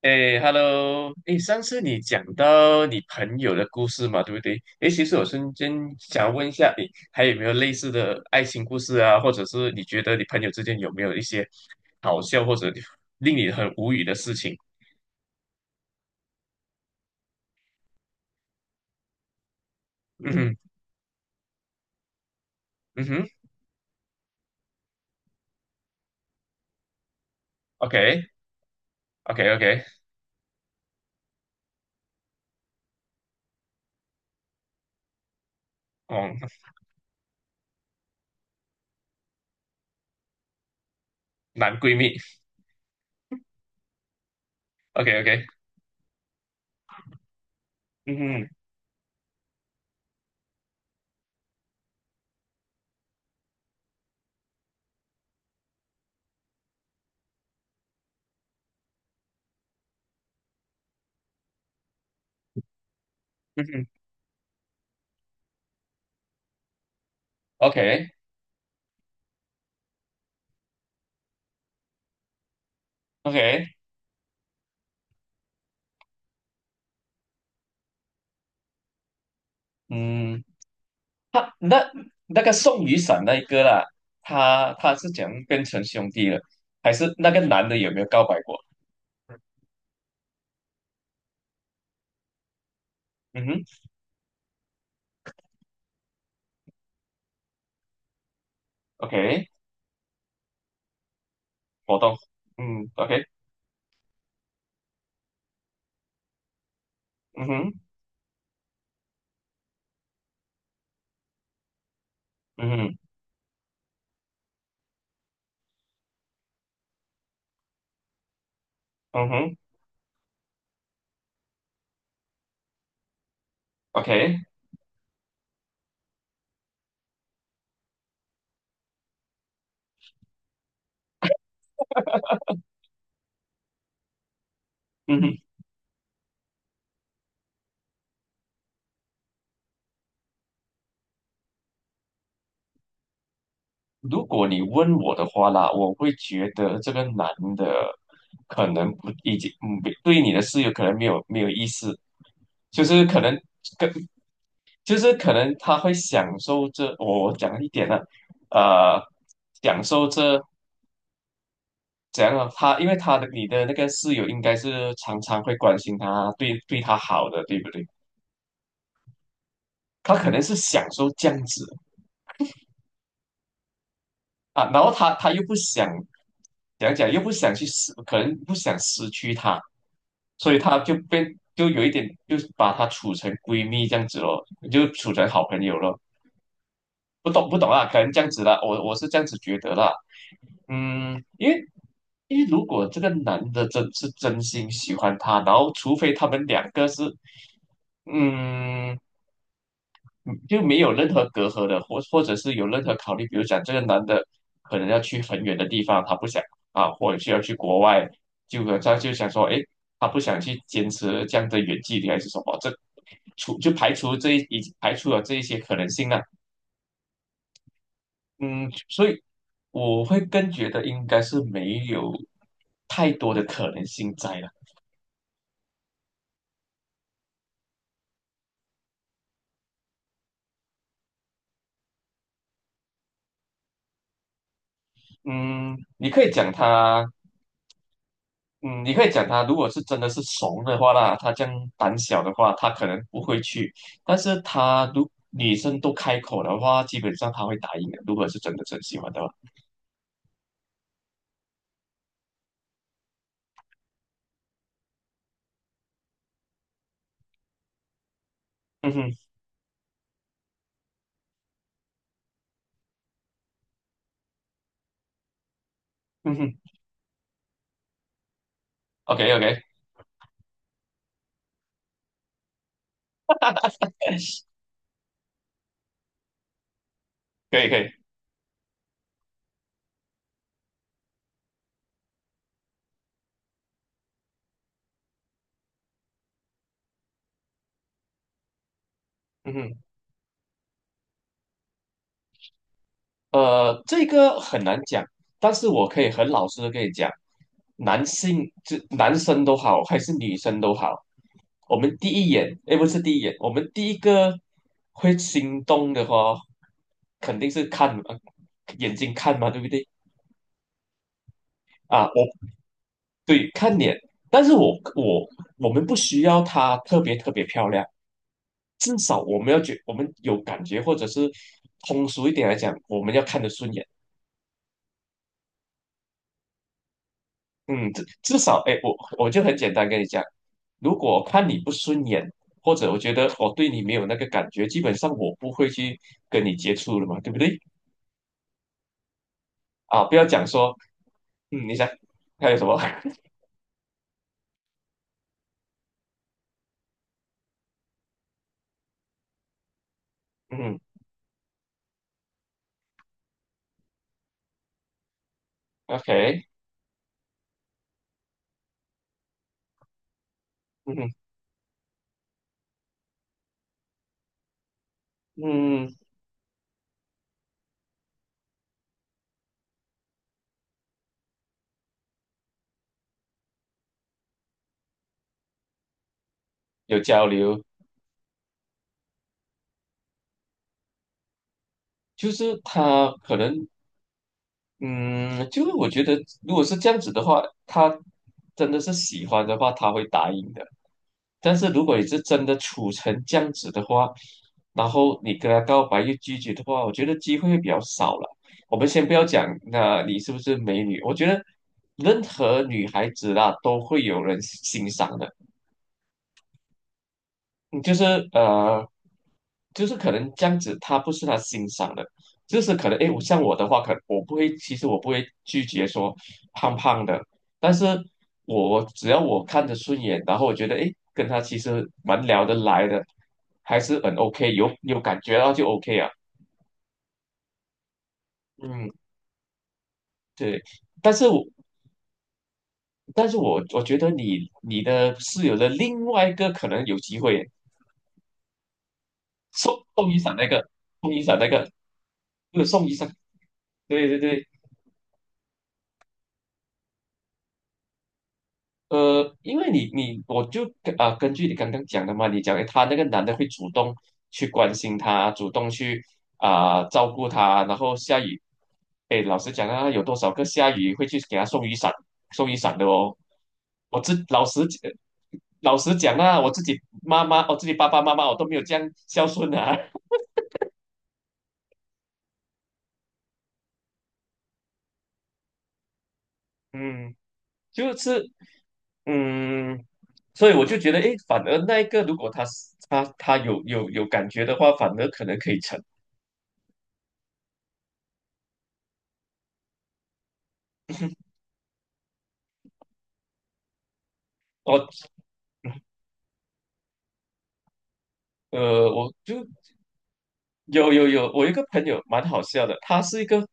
哎，Hello，哎，上次你讲到你朋友的故事嘛，对不对？哎，其实我瞬间想问一下，你还有没有类似的爱情故事啊？或者是你觉得你朋友之间有没有一些好笑或者令你很无语的事情？嗯哼。嗯哼。OK，OK，OK。哦，男闺蜜。OK，OK。嗯哼。嗯哼。OK，OK。嗯。他那那个送雨伞那一个啦，他是怎样变成兄弟了？还是那个男的有没有告白过？嗯哼。OK。活动。嗯，OK。嗯哼。嗯哼。嗯哼。OK。嗯哼。如果你问我的话啦，我会觉得这个男的可能不已经对你的事有可能没有意思，就是可能跟就是可能他会享受这我讲一点呢、呃，享受这怎样啊？他因为他的你的那个室友应该是常常会关心他，对他好的，对不对？他可能是享受这样子啊，然后他又不想讲，又不想去失，可能不想失去他，所以他就变就有一点，就是把她处成闺蜜这样子咯，就处成好朋友咯。不懂不懂啊，可能这样子啦，我是这样子觉得啦。嗯，因为因为如果这个男的真是真心喜欢她，然后除非他们两个是嗯，嗯就没有任何隔阂的，或或者是有任何考虑，比如讲这个男的可能要去很远的地方，他不想啊，或者是要去国外，就他就想说，哎，他不想去坚持这样的远距离还是什么，这除就排除这一已排除了这一些可能性了。嗯，所以我会更觉得应该是没有太多的可能性在了。嗯，你可以讲他。嗯，你可以讲他，如果是真的是怂的话啦，他这样胆小的话，他可能不会去。但是他如女生都开口的话，基本上他会答应的。如果是真的真喜欢的话，嗯哼。嗯哼。OK OK。可以可以。嗯哼。这个很难讲，但是我可以很老实的跟你讲，男性就男生都好，还是女生都好，我们第一眼，诶，不是第一眼，我们第一个会心动的话，肯定是看眼睛看嘛，对不对？啊，我对看脸，但是我我们不需要她特别漂亮，至少我们要觉我们有感觉，或者是通俗一点来讲，我们要看得顺眼。嗯，至至少，哎，我就很简单跟你讲，如果我看你不顺眼，或者我觉得我对你没有那个感觉，基本上我不会去跟你接触了嘛，对不对？啊，不要讲说，嗯，你想还有什么？嗯。OK。嗯嗯。有交流，就是他可能，嗯，就是我觉得如果是这样子的话，他真的是喜欢的话，他会答应的。但是如果你是真的处成这样子的话，然后你跟他告白又拒绝的话，我觉得机会会比较少了。我们先不要讲，那你是不是美女？我觉得任何女孩子啦都会有人欣赏的。嗯就是呃，就是可能这样子，他不是他欣赏的，就是可能诶，我像我的话，可能我不会，其实我不会拒绝说胖胖的，但是我只要我看着顺眼，然后我觉得诶，跟他其实蛮聊得来的，还是很 OK，有感觉到就 OK 啊，嗯，对，但是我但是我觉得你你的室友的另外一个可能有机会送雨伞那个送雨伞那个，不是送雨伞，对对对。因为你你我就啊、根据你刚刚讲的嘛，你讲诶他那个男的会主动去关心他，主动去啊、照顾他，然后下雨，哎，老实讲啊，有多少个下雨会去给他送雨伞、送雨伞的哦？我自老实讲老实讲啊，我自己妈妈，我自己爸爸妈妈，我都没有这样孝顺啊。嗯，就是嗯，所以我就觉得，哎，反而那一个如果他是他有感觉的话，反而可能可以成。哦，我就有，我有一个朋友蛮好笑的，他是一个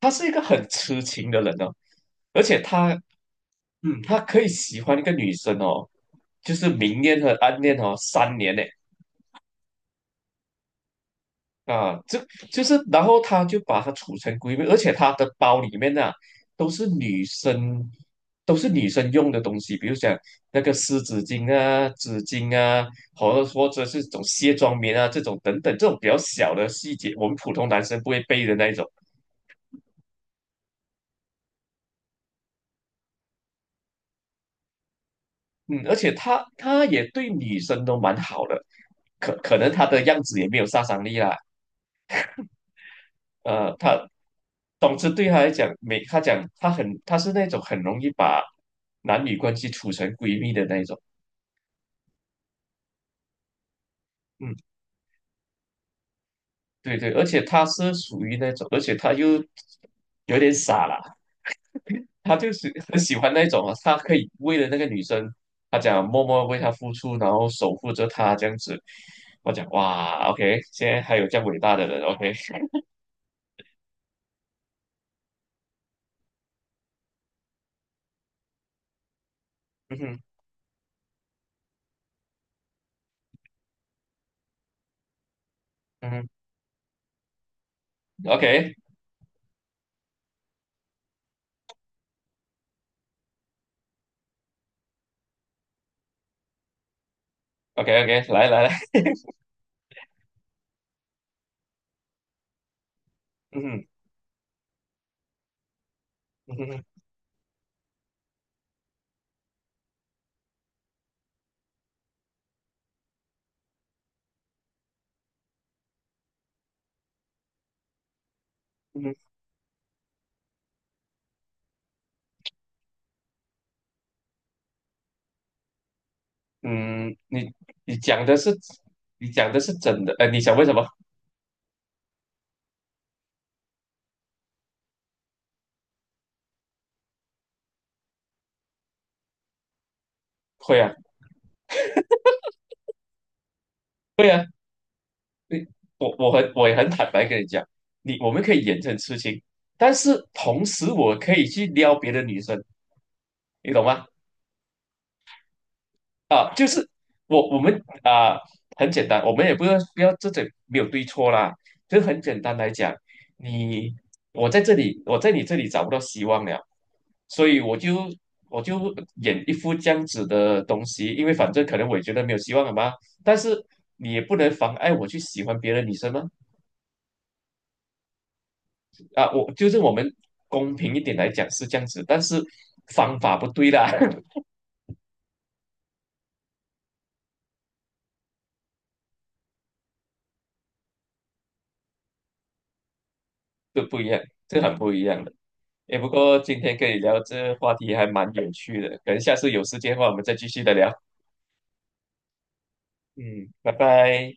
他是一个很痴情的人哦，而且他嗯，他可以喜欢一个女生哦，就是明恋和暗恋哦，3年呢。啊，这就是，然后他就把它储成闺蜜，而且他的包里面呢、都是女生，都是女生用的东西，比如讲那个湿纸巾啊、纸巾啊，或者是这种卸妆棉啊这种等等，这种比较小的细节，我们普通男生不会背的那一种。嗯，而且他也对女生都蛮好的，可可能他的样子也没有杀伤力啦，他总之对他来讲，没他讲他很他是那种很容易把男女关系处成闺蜜的那一种。嗯，对对，而且他是属于那种，而且他又有点傻啦，他就是很喜欢那种啊，他可以为了那个女生，他讲默默为她付出，然后守护着她这样子。我讲哇，OK，现在还有这样伟大的人，OK。嗯哼。嗯哼。OK，OK，OK，来来来。嗯哼。嗯哼。嗯哼。嗯，你讲的是你讲的是真的，你想问什么？会啊。会啊。你我很我也很坦白跟你讲，你我们可以演这种事情，但是同时我可以去撩别的女生，你懂吗？啊，就是我们啊、很简单，我们也不要这种没有对错啦，就是很简单来讲，你我在这里我在你这里找不到希望了，所以我就演一副这样子的东西，因为反正可能我也觉得没有希望了嘛。但是你也不能妨碍我去喜欢别的女生吗？啊，我就是我们公平一点来讲是这样子，但是方法不对啦。这不一样，这很不一样的。哎，不过今天跟你聊这话题还蛮有趣的，可能下次有时间的话我们再继续的聊。嗯，拜拜。